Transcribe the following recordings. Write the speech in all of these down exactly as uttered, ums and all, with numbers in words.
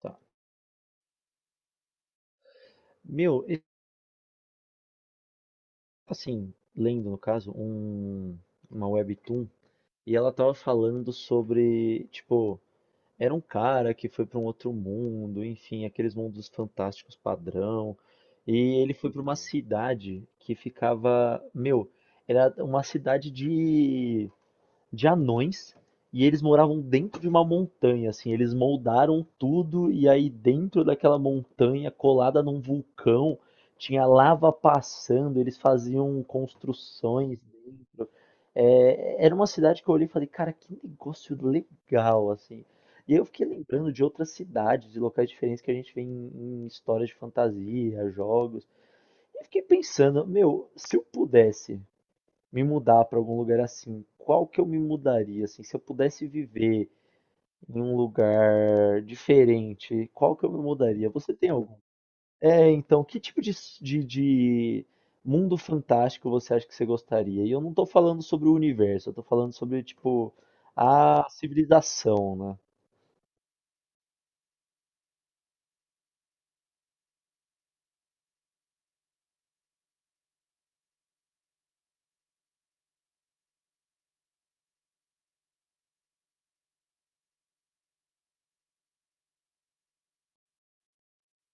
Tá. Meu, e- tipo assim, lendo no caso, um, uma webtoon, e ela tava falando sobre, tipo, era um cara que foi pra um outro mundo, enfim, aqueles mundos fantásticos padrão, e ele foi pra uma cidade que ficava, meu, era uma cidade de de anões e eles moravam dentro de uma montanha, assim, eles moldaram tudo e aí dentro daquela montanha, colada num vulcão, tinha lava passando, eles faziam construções dentro. É, era uma cidade que eu olhei e falei, cara, que negócio legal, assim. E eu fiquei lembrando de outras cidades, de locais diferentes que a gente vê em, em histórias de fantasia, jogos. E eu fiquei pensando, meu, se eu pudesse me mudar para algum lugar assim, qual que eu me mudaria, assim, se eu pudesse viver em um lugar diferente, qual que eu me mudaria? Você tem algum? É, então, que tipo de, s- de, de mundo fantástico você acha que você gostaria? E eu não tô falando sobre o universo, eu tô falando sobre, tipo, a civilização, né?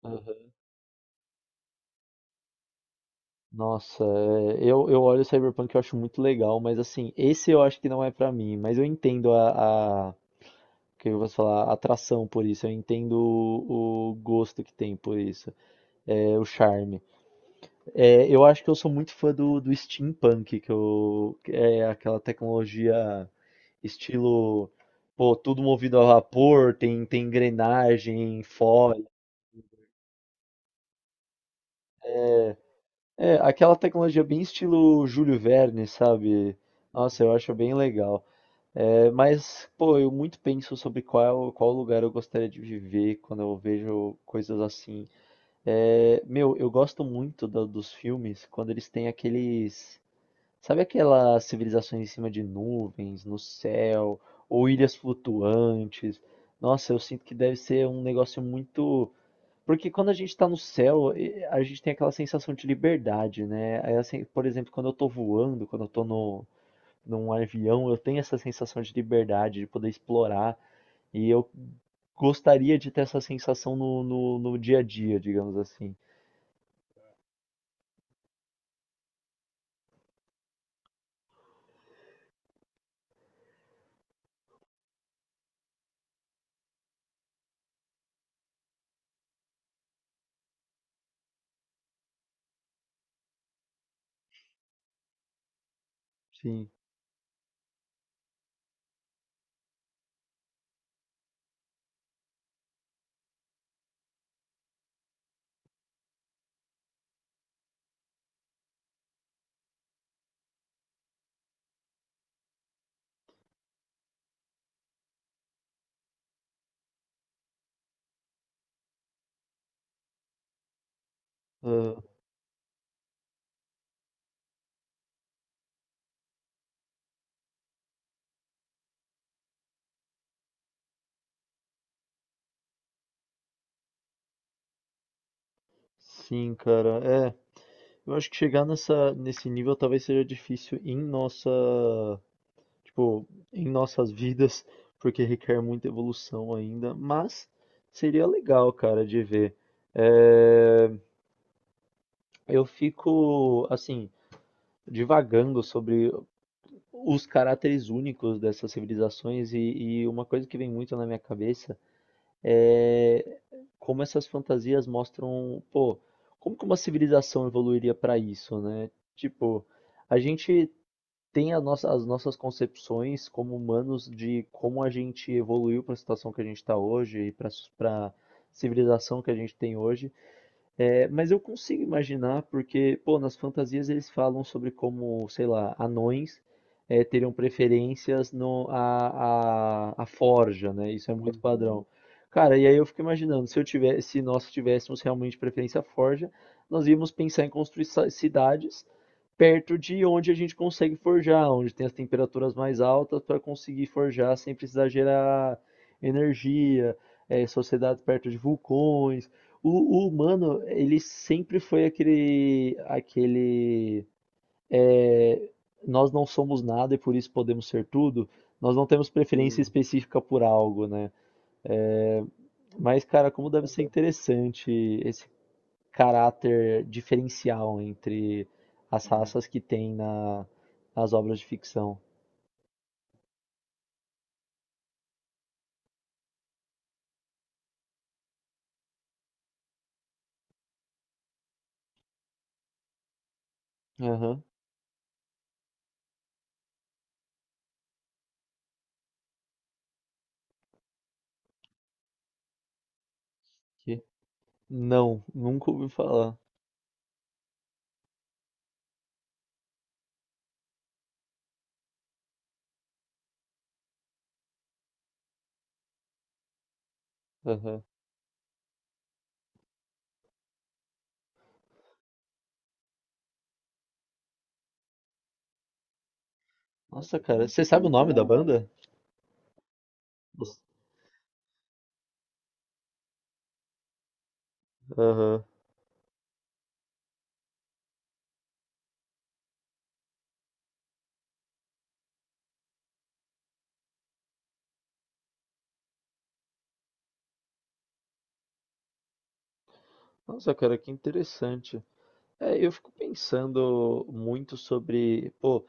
Aham. Nossa, é, eu, eu olho o Cyberpunk e eu acho muito legal, mas assim, esse eu acho que não é pra mim, mas eu entendo a, o que eu vou falar, atração por isso. Eu entendo o, o gosto que tem por isso, é, o charme. É, eu acho que eu sou muito fã do, do steampunk, que eu, que é aquela tecnologia estilo, pô, tudo movido a vapor, tem, tem engrenagem, fole, é, é aquela tecnologia bem estilo Júlio Verne, sabe? Nossa, eu acho bem legal. É, mas, pô, eu muito penso sobre qual, qual lugar eu gostaria de viver quando eu vejo coisas assim. É, meu, eu gosto muito do- dos filmes quando eles têm aqueles. Sabe aquelas civilizações em cima de nuvens, no céu, ou ilhas flutuantes? Nossa, eu sinto que deve ser um negócio muito. Porque quando a gente tá no céu, e- a gente tem aquela sensação de liberdade, né? Aí, assim, por exemplo, quando eu tô voando, quando eu tô no, num avião, eu tenho essa sensação de liberdade, de poder explorar. E eu gostaria de ter essa sensação no, no, no dia a dia, digamos assim. Sim. Ah, sim, cara. É, eu acho que chegar nessa, nesse nível talvez seja difícil em nossa, tipo, em nossas vidas, porque requer muita evolução ainda, mas seria legal, cara, de ver. É, eu fico, assim, divagando sobre os caracteres únicos dessas civilizações e, e uma coisa que vem muito na minha cabeça é, como essas fantasias mostram, pô, como que uma civilização evoluiria para isso, né? Tipo, a gente tem a nossa- as nossas concepções como humanos de como a gente evoluiu para a situação que a gente está hoje e para a civilização que a gente tem hoje. É, mas eu consigo imaginar, porque, pô, nas fantasias eles falam sobre como, sei lá, anões é, teriam preferências no, a, a, a forja, né? Isso é muito padrão. Cara, e aí eu fico imaginando, se eu tivesse, se nós tivéssemos realmente preferência à forja, nós íamos pensar em construir sa- cidades perto de onde a gente consegue forjar, onde tem as temperaturas mais altas para conseguir forjar sem precisar gerar energia, é, sociedades perto de vulcões. O, o humano, ele sempre foi aquele, aquele, é, nós não somos nada e por isso podemos ser tudo. Nós não temos preferência Hum, específica por algo, né? É, mas, cara, como deve ser interessante esse caráter diferencial entre as uhum. raças que tem na, nas obras de ficção. Aham. que- Não, nunca ouvi falar. Aham. Nossa, cara, você sabe o nome da banda? Você- Aham. Nossa, cara, que interessante. É, eu fico pensando muito sobre, pô,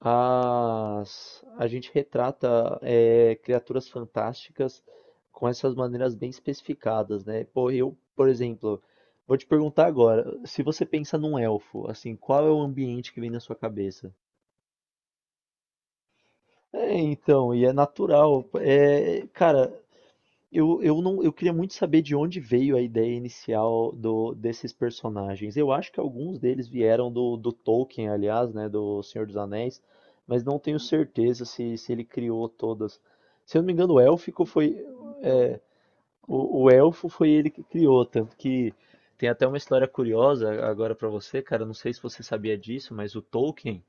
as... a gente retrata é, criaturas fantásticas com essas maneiras bem especificadas, né? Pô, eu, por exemplo, vou te perguntar agora, se você pensa num elfo, assim, qual é o ambiente que vem na sua cabeça? É, então, e é natural. É, cara, Eu, eu não, eu queria muito saber de onde veio a ideia inicial do, desses personagens. Eu acho que alguns deles vieram do, do Tolkien, aliás, né, do Senhor dos Anéis, mas não tenho certeza se, se ele criou todas. Se eu não me engano, o élfico foi, é, o, o elfo foi ele que criou, tanto que tem até uma história curiosa agora pra você, cara. Não sei se você sabia disso, mas o Tolkien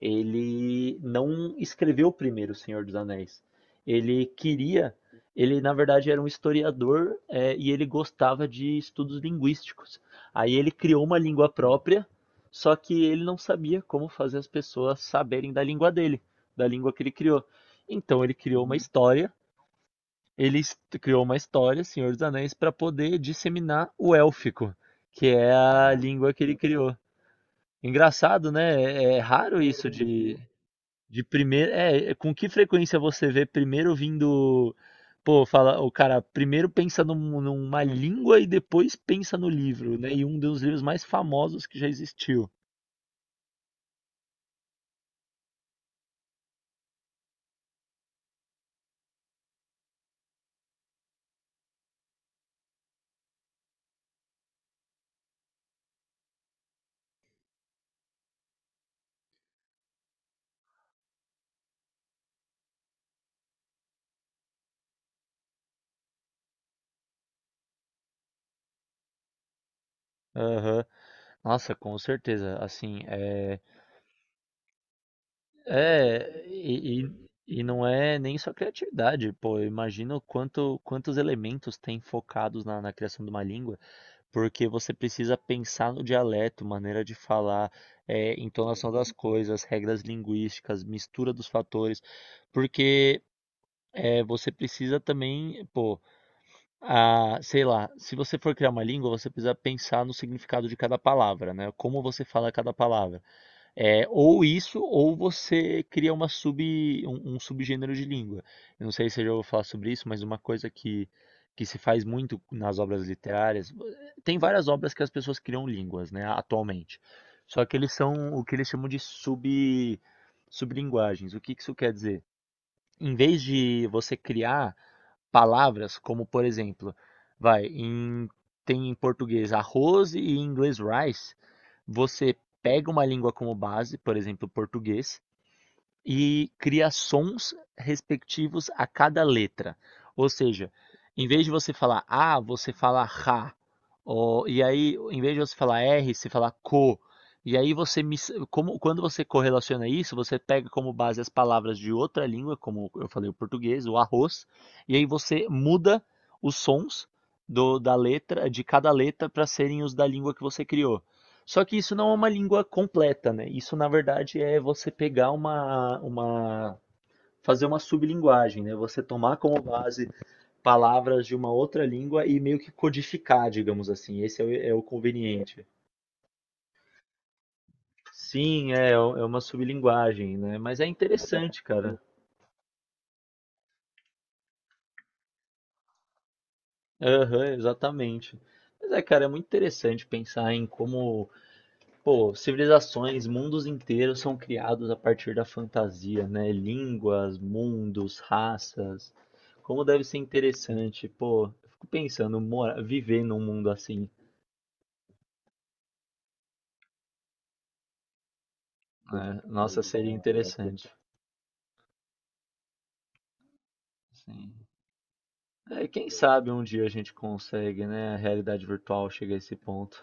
ele não escreveu primeiro O Senhor dos Anéis. Ele queria, ele na verdade era um historiador, é, e ele gostava de estudos linguísticos. Aí ele criou uma língua própria, só que ele não sabia como fazer as pessoas saberem da língua dele, da língua que ele criou. Então ele criou uma história, ele est- criou uma história, Senhor dos Anéis, para poder disseminar o élfico, que é a língua que ele criou. Engraçado, né? É é raro isso de de primeiro, é, é, com que frequência você vê primeiro vindo, pô, fala, o cara primeiro pensa num- numa língua e depois pensa no livro, né? E um dos livros mais famosos que já existiu. Aham. Nossa, com certeza. Assim, é, é e, e, e não é nem só criatividade, pô. Eu imagino quanto, quantos elementos tem focados na, na criação de uma língua. Porque você precisa pensar no dialeto, maneira de falar, eh, entonação das coisas, regras linguísticas, mistura dos fatores, porque eh, você precisa também, pô, a, sei lá, se você for criar uma língua, você precisa pensar no significado de cada palavra, né? Como você fala cada palavra. É, ou isso, ou você cria uma sub, um, um subgênero de língua. Eu não sei se eu já vou falar sobre isso, mas uma coisa que, que se faz muito nas obras literárias, tem várias obras que as pessoas criam línguas, né, atualmente. Só que eles são o que eles chamam de sub, sublinguagens. O que que isso quer dizer? Em vez de você criar palavras como, por exemplo, vai, em- tem em português arroz e em inglês rice, você pega uma língua como base, por exemplo, português, e cria sons respectivos a cada letra. Ou seja, em vez de você falar A, você fala Ra. Ó, e aí, em vez de você falar R, você fala Co. E aí você como, quando você correlaciona isso, você pega como base as palavras de outra língua, como eu falei o português, o arroz, e aí você muda os sons do- da letra de cada letra para serem os da língua que você criou. Só que isso não é uma língua completa, né? Isso, na verdade, é você pegar uma, uma, fazer uma sublinguagem, né? Você tomar como base palavras de uma outra língua e meio que codificar, digamos assim. Esse é o, é o conveniente. Sim, é, é uma sublinguagem, né? Mas é interessante, cara. Aham, exatamente. Mas é, cara, é muito interessante pensar em como pô, civilizações, mundos inteiros são criados a partir da fantasia, né? Línguas, mundos, raças. Como deve ser interessante, pô. Eu fico pensando, mora, viver num mundo assim, né? Nossa, seria interessante. Sim. É, quem sabe um dia a gente consegue, né? A realidade virtual chega a esse ponto.